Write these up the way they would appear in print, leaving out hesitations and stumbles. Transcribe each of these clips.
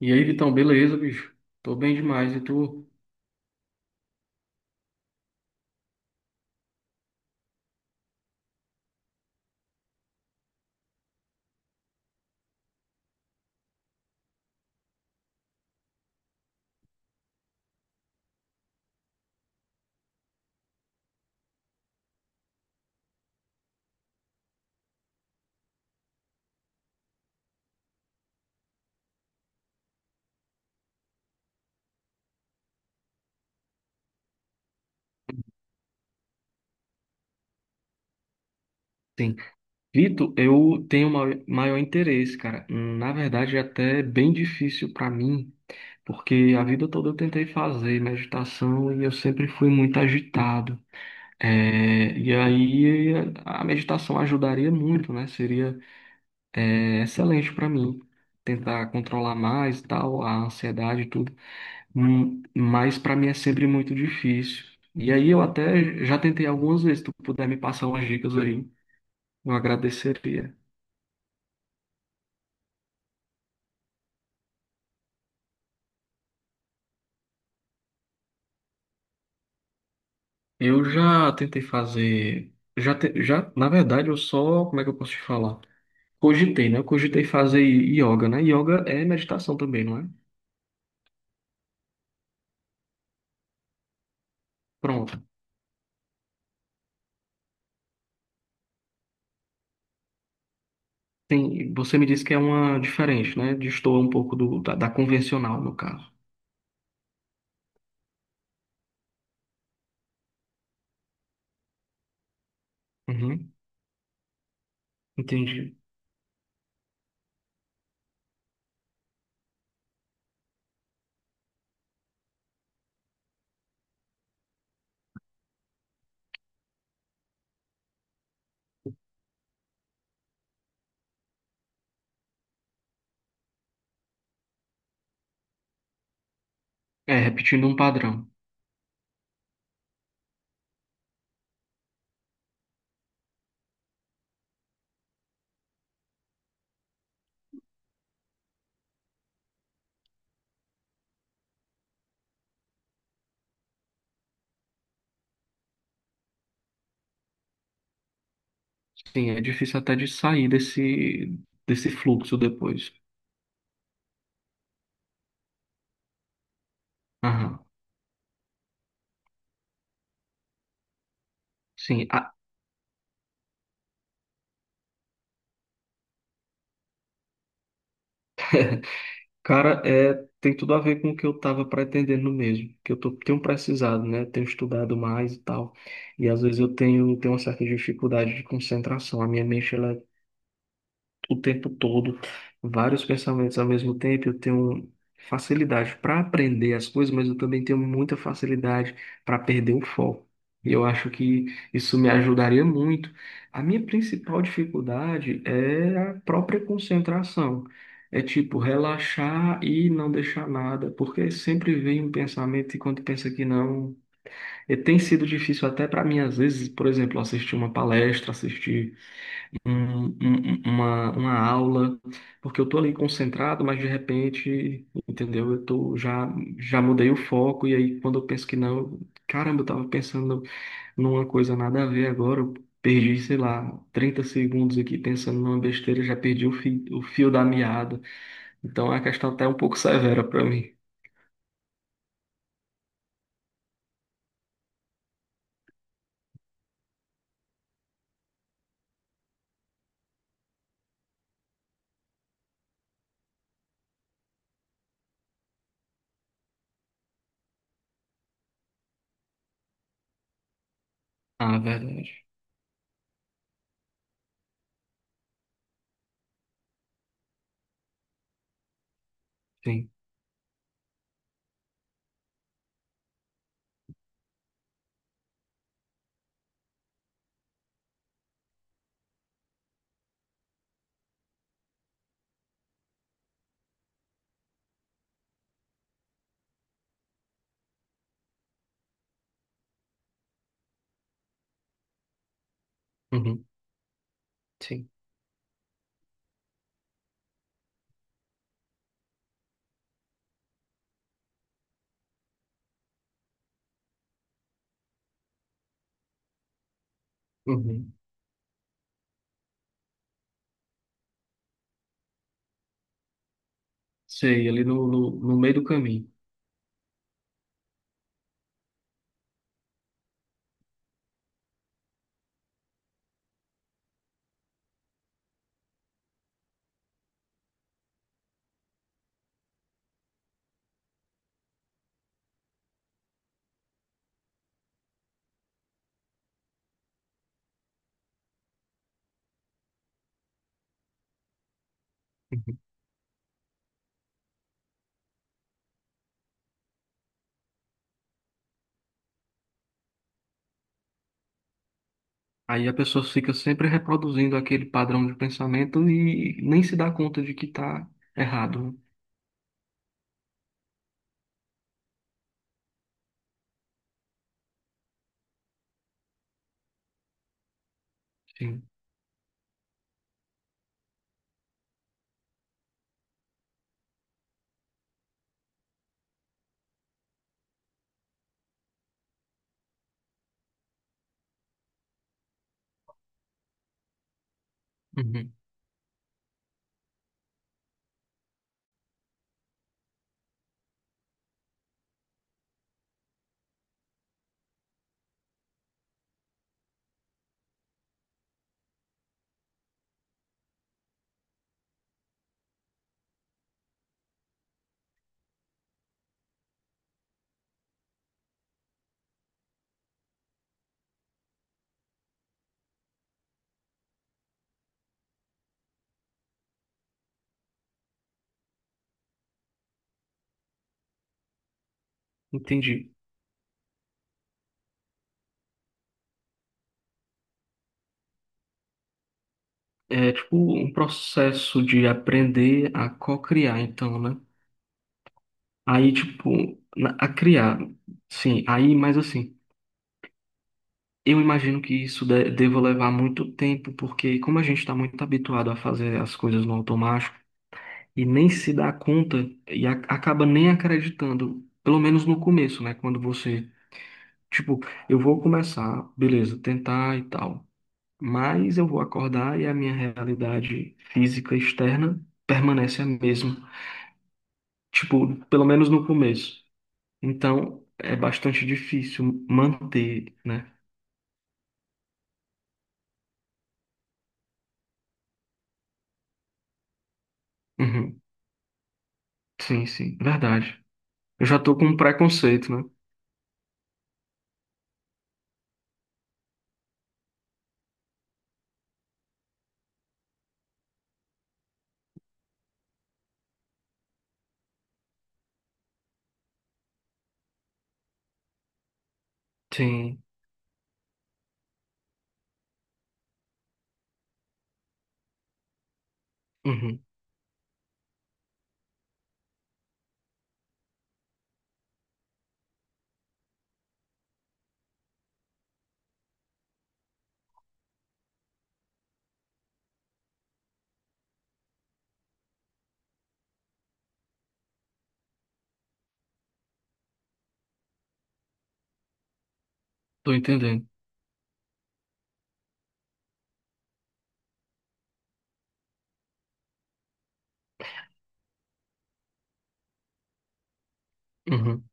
E aí, Vitão, beleza, bicho? Tô bem demais, e tu? Sim. Vitor, maior interesse, cara. Na verdade, é até bem difícil pra mim, porque a vida toda eu tentei fazer meditação e eu sempre fui muito agitado. E aí a meditação ajudaria muito, né? Seria, excelente pra mim tentar controlar mais, e tal, a ansiedade e tudo. Mas para mim é sempre muito difícil. E aí eu até já tentei algumas vezes, se tu puder me passar umas dicas aí, eu agradeceria. Eu já tentei fazer, na verdade, eu só, como é que eu posso te falar? Cogitei, né? Eu cogitei fazer yoga, né? Yoga é meditação também, não é? Pronto. Tem, você me disse que é uma diferente, né? Destoa um pouco da convencional, no caso. Uhum, entendi. É, repetindo um padrão. Sim, é difícil até de sair desse fluxo depois. Aham. Sim, a, Cara, tem tudo a ver com o que eu estava pretendendo mesmo, que tenho precisado, né? Tenho estudado mais e tal. E às vezes tenho uma certa dificuldade de concentração. A minha mente, ela o tempo todo, vários pensamentos ao mesmo tempo. Eu tenho facilidade para aprender as coisas, mas eu também tenho muita facilidade para perder o foco. E eu acho que isso me ajudaria muito. A minha principal dificuldade é a própria concentração. É tipo relaxar e não deixar nada, porque sempre vem um pensamento e quando pensa que não, e tem sido difícil até para mim às vezes, por exemplo, assistir uma palestra, assistir uma aula, porque eu tô ali concentrado, mas de repente, entendeu? Já mudei o foco, e aí quando eu penso que não, caramba, eu tava pensando numa coisa nada a ver agora, eu perdi, sei lá, 30 segundos aqui pensando numa besteira, já perdi o fio da meada. Então a questão até é um pouco severa para mim. Ah, verdade. Sim. Uhum. Sim. Uhum. Sei, ali no meio do caminho. Aí a pessoa fica sempre reproduzindo aquele padrão de pensamento e nem se dá conta de que está errado, né? Sim. Uhum. Entendi. É tipo um processo de aprender a co-criar, então, né? Aí, tipo, a criar, sim. Aí, mas assim, eu imagino que isso deva levar muito tempo, porque como a gente está muito habituado a fazer as coisas no automático e nem se dá conta e acaba nem acreditando, pelo menos no começo, né? Quando você... Tipo, eu vou começar, beleza, tentar e tal. Mas eu vou acordar e a minha realidade física externa permanece a mesma. Tipo, pelo menos no começo. Então, é bastante difícil manter, né? Uhum. Sim, verdade. Eu já tô com um preconceito, né? Sim. Uhum. Tô entendendo. Uhum.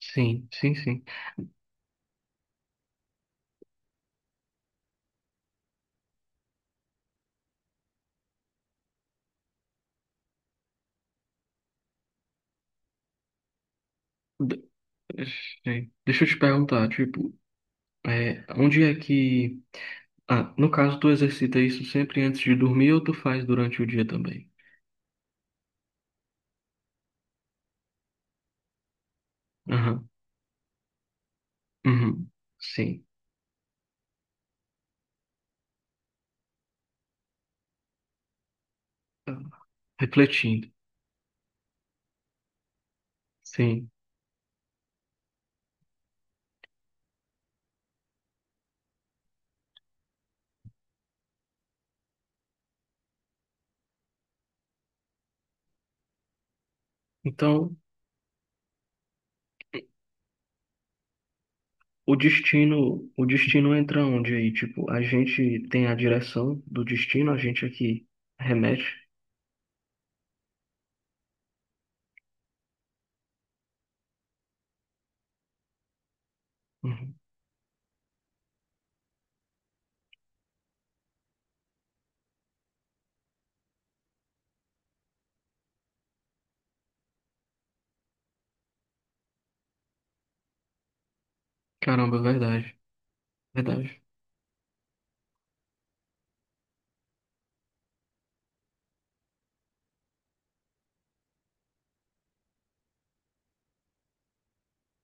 Sim, sim. De- eh, sei. Deixa eu te perguntar, tipo, é, onde é que... Ah, no caso, tu exercita isso sempre antes de dormir ou tu faz durante o dia também? Aham, uhum, sim. Tá. Refletindo, sim. Então, o destino entra onde aí? Tipo, a gente tem a direção do destino, a gente aqui remete. Uhum. Caramba, verdade.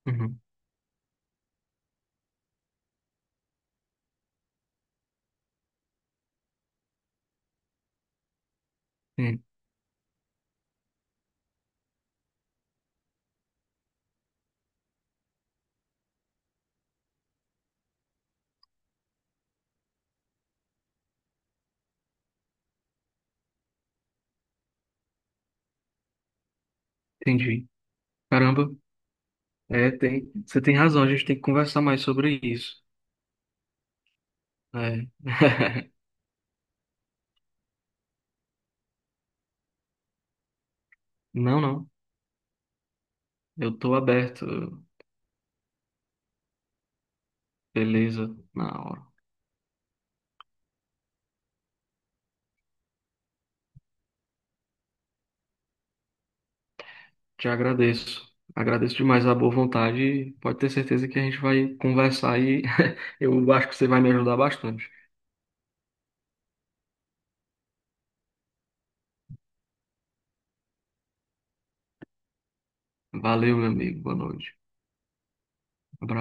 Uhum. É, entendi. Caramba, é, tem, você tem razão, a gente tem que conversar mais sobre isso. É. Não, não, eu tô aberto, beleza, na hora. Te agradeço. Agradeço demais a boa vontade. E pode ter certeza que a gente vai conversar e eu acho que você vai me ajudar bastante. Valeu, meu amigo. Boa noite. Abraço.